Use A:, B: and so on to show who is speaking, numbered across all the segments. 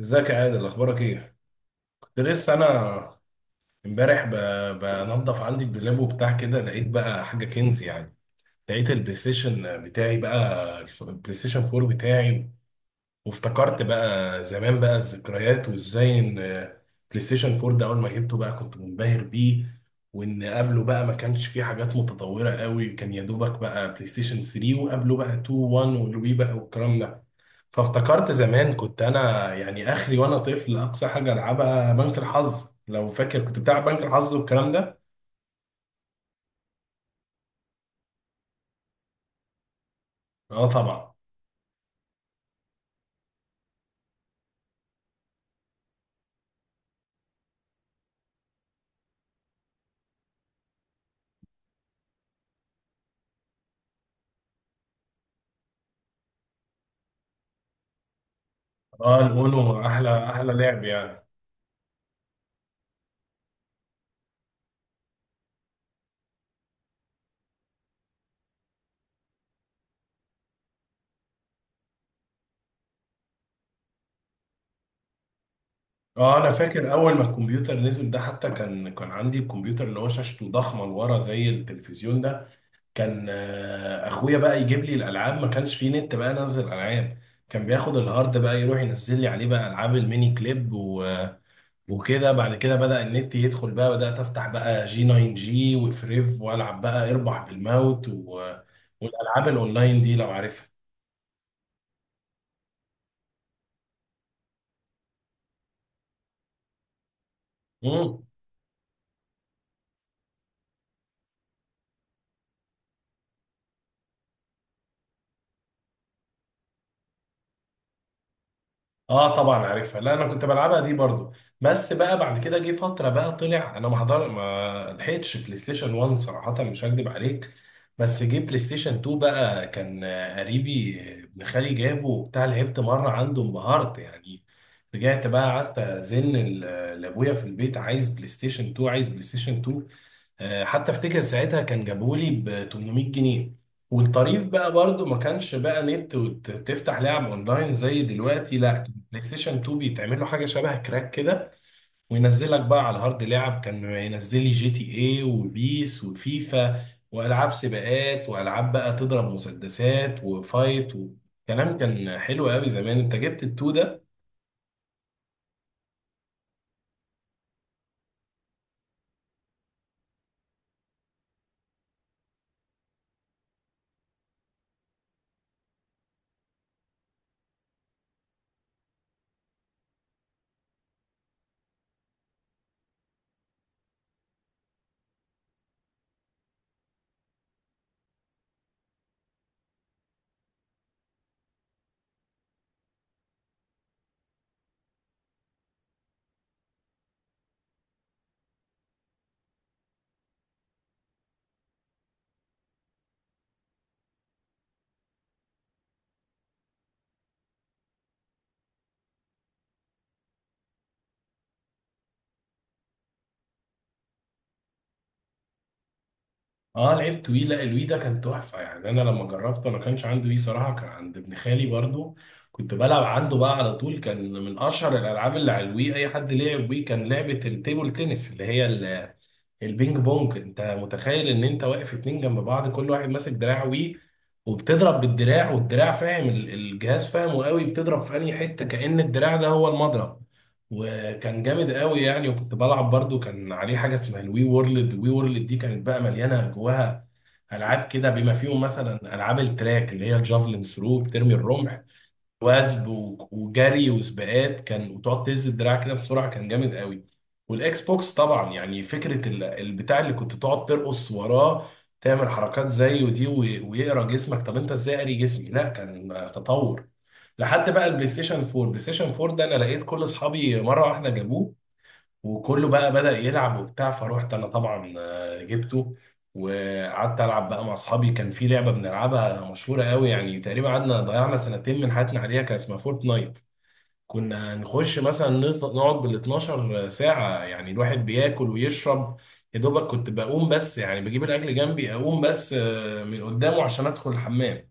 A: ازيك يا عادل؟ اخبارك ايه؟ كنت لسه انا امبارح بنضف عندي الدولاب وبتاع كده، لقيت بقى حاجه كنز يعني. لقيت البلاي ستيشن بتاعي، بقى البلاي ستيشن 4 بتاعي. وافتكرت بقى زمان، بقى الذكريات، وازاي ان بلاي ستيشن 4 ده اول ما جبته بقى كنت منبهر بيه. وان قبله بقى ما كانش فيه حاجات متطورة قوي، كان يا دوبك بقى بلاي ستيشن 3، وقبله بقى 2، 1، والوي بقى والكلام ده. فافتكرت زمان كنت انا يعني اخري وانا طفل، اقصى حاجة العبها بنك الحظ. لو فاكر كنت بتلعب بنك الحظ والكلام ده. اه طبعا. اه، الاونو احلى احلى لعب يعني. اه، انا فاكر اول ما الكمبيوتر نزل ده، حتى كان عندي الكمبيوتر اللي هو شاشته ضخمه لورا زي التلفزيون ده. كان اخويا بقى يجيب لي الالعاب، ما كانش فيه نت بقى انزل العاب. كان بياخد الهارد بقى يروح ينزل لي عليه بقى العاب الميني كليب وكده. بعد كده بدأ النت يدخل، بقى بدأت افتح بقى جي 9 جي وفريف، والعب بقى اربح بالموت والالعاب الاونلاين دي لو عارفها. اه طبعا عارفها. لا انا كنت بلعبها دي برضو. بس بقى بعد كده جه فتره بقى طلع، انا ما حضر ما لحقتش بلاي ستيشن 1 صراحه، مش هكدب عليك. بس جه بلاي ستيشن 2 بقى، كان قريبي، ابن خالي جابه وبتاع، لعبت مره عنده، انبهرت يعني. رجعت بقى قعدت ازن لابويا في البيت، عايز بلاي ستيشن 2، عايز بلاي ستيشن 2. حتى افتكر ساعتها كان جابولي ب 800 جنيه. والطريف بقى برضو ما كانش بقى نت وتفتح لعب اونلاين زي دلوقتي، لا كان بلاي ستيشن 2 بيتعمل له حاجه شبه كراك كده، وينزلك بقى على الهارد لعب. كان ينزل لي جي تي اي وبيس وفيفا والعاب سباقات والعاب بقى تضرب مسدسات وفايت، وكلام كان حلو قوي زمان. انت جبت التو ده. اه لعبت وي. لا الوي ده كان تحفه يعني. انا لما جربته، انا كانش عندي وي صراحه، كان عند ابن خالي برضو. كنت بلعب عنده بقى على طول. كان من اشهر الالعاب اللي على الوي، اي حد لعب وي، كان لعبه التيبل تنس اللي هي البينج بونج. انت متخيل ان انت واقف اتنين جنب بعض، كل واحد ماسك دراع وي، وبتضرب بالدراع، والدراع فاهم، الجهاز فاهمه قوي، بتضرب في انهي حته كأن الدراع ده هو المضرب. وكان جامد قوي يعني. وكنت بلعب برضو، كان عليه حاجه اسمها الوي وورلد. الوي وورلد دي كانت بقى مليانه جواها العاب كده، بما فيهم مثلا العاب التراك اللي هي الجافلين ثرو، بترمي الرمح، وثب وجري وسباقات، كان وتقعد تهز الدراع كده بسرعه، كان جامد قوي. والاكس بوكس طبعا يعني فكره البتاع اللي كنت تقعد ترقص وراه، تعمل حركات زيه دي ويقرا جسمك. طب انت ازاي قاري جسمي؟ لا كان تطور. لحد بقى البلاي ستيشن 4. البلاي ستيشن 4 ده انا لقيت كل اصحابي مره واحده جابوه، وكله بقى بدأ يلعب وبتاع، فروحت انا طبعا جبته، وقعدت العب بقى مع اصحابي. كان في لعبه بنلعبها مشهوره قوي يعني، تقريبا قعدنا ضيعنا سنتين من حياتنا عليها، كان اسمها فورتنايت. كنا نخش مثلا نقعد بال 12 ساعه يعني، الواحد بياكل ويشرب، يا دوبك كنت بقوم بس يعني بجيب الاكل جنبي، اقوم بس من قدامه عشان ادخل الحمام.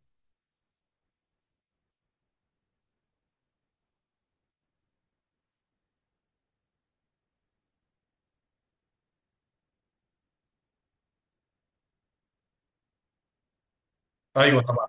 A: ايوه طبعا.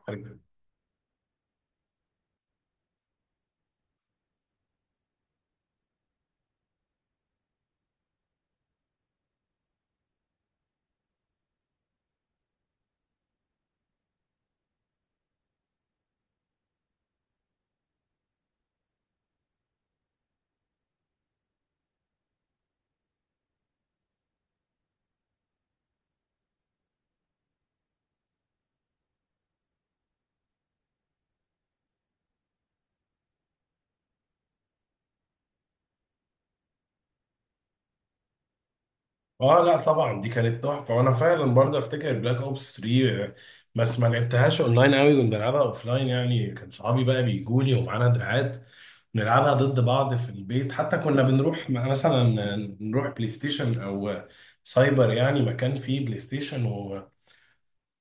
A: اه لا طبعا، دي كانت تحفه. وانا فعلا برضه افتكر بلاك اوبس 3، بس ما لعبتهاش اونلاين قوي، كنت بلعبها اوفلاين يعني. كان صحابي بقى بيجوني ومعانا دراعات، نلعبها ضد بعض في البيت. حتى كنا بنروح مثلا نروح بلاي ستيشن او سايبر، يعني مكان فيه بلاي ستيشن،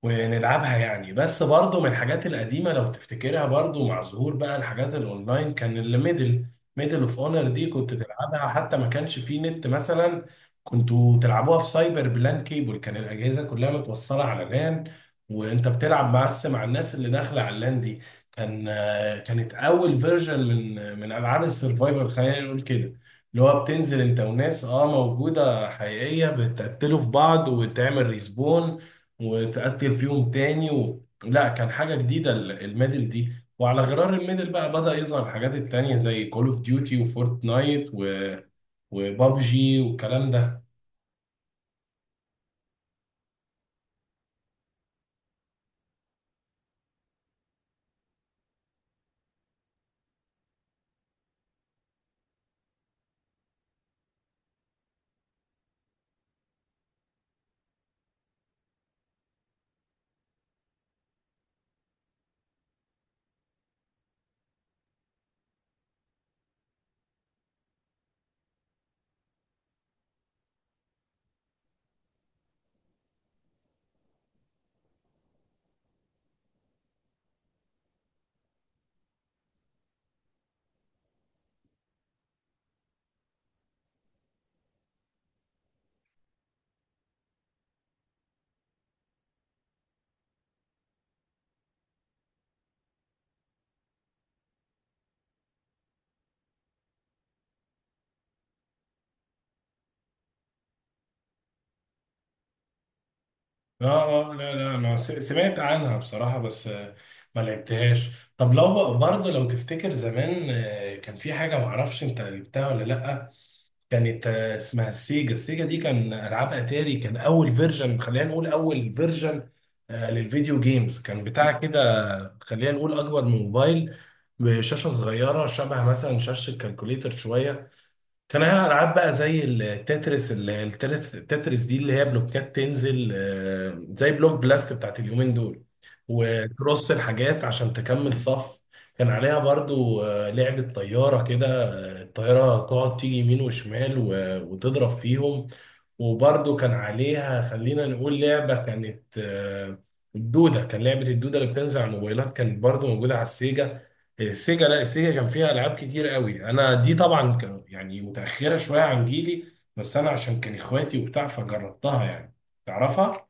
A: ونلعبها يعني. بس برضو من الحاجات القديمة لو تفتكرها برضو، مع ظهور بقى الحاجات الاونلاين، كان الميدل، ميدل اوف اونر دي كنت تلعبها، حتى ما كانش فيه نت مثلا. كنتوا تلعبوها في سايبر بلان كيبل، كان الأجهزة كلها متوصلة على لان، وانت بتلعب بس مع الناس اللي داخلة على اللان دي. كان كانت أول فيرجن من ألعاب السرفايفر، خلينا نقول كده، اللي هو بتنزل انت وناس اه موجودة حقيقية، بتقتلوا في بعض وتعمل ريسبون، وتقتل فيهم تاني لا كان حاجة جديدة الميدل دي. وعلى غرار الميدل بقى بدأ يظهر الحاجات التانية زي كول اوف ديوتي وفورتنايت وبابجي والكلام ده. اه. اه لا لا، انا سمعت عنها بصراحة، بس ما لعبتهاش. طب لو بقى برضه لو تفتكر زمان، كان في حاجة معرفش انت لعبتها ولا لأ، كانت اسمها السيجا. السيجا دي كان ألعاب أتاري، كان أول فيرجن خلينا نقول، أول فيرجن للفيديو جيمز، كان بتاع كده. خلينا نقول اكبر من موبايل بشاشه صغيره، شبه مثلا شاشه الكالكوليتر شويه. كان عليها العاب بقى زي التترس، التترس دي اللي هي بلوكات تنزل، زي بلوك بلاست بتاعت اليومين دول، وترص الحاجات عشان تكمل صف. كان عليها برضو لعبة طيارة كده، الطيارة تقعد تيجي يمين وشمال وتضرب فيهم. وبرضو كان عليها خلينا نقول لعبة كانت الدودة. كان لعبة الدودة اللي بتنزل على الموبايلات كانت برضو موجودة على السيجا. السيجا، لا، السيجا كان فيها العاب كتير قوي، انا دي طبعا كان يعني متاخره شويه عن جيلي، بس انا عشان كان اخواتي وبتاع فجربتها يعني. تعرفها؟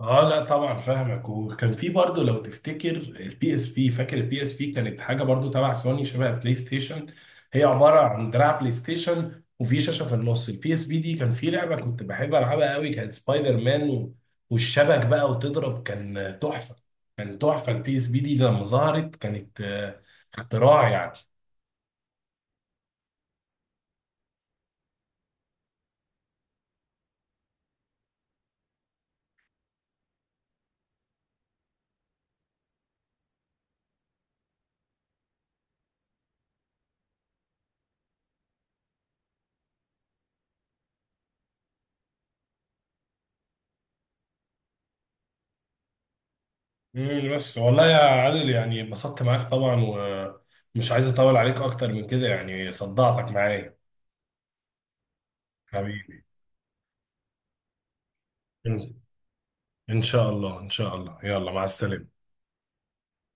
A: اه لا طبعا فاهمك. وكان في برضه لو تفتكر البي اس بي. فاكر البي اس بي؟ كانت حاجه برضه تبع سوني شبه البلاي ستيشن، هي عباره عن دراع بلاي ستيشن وفي شاشه في النص. البي اس بي دي كان في لعبه كنت بحب العبها قوي، كانت سبايدر مان والشبك بقى وتضرب، كان تحفه. كان تحفه البي اس بي دي لما ظهرت، كانت اختراع يعني. بس والله يا عادل يعني اتبسطت معاك طبعا، ومش عايز اطول عليك اكتر من كده يعني، صدعتك معايا. حبيبي، ان شاء الله، ان شاء الله، يلا مع السلامة.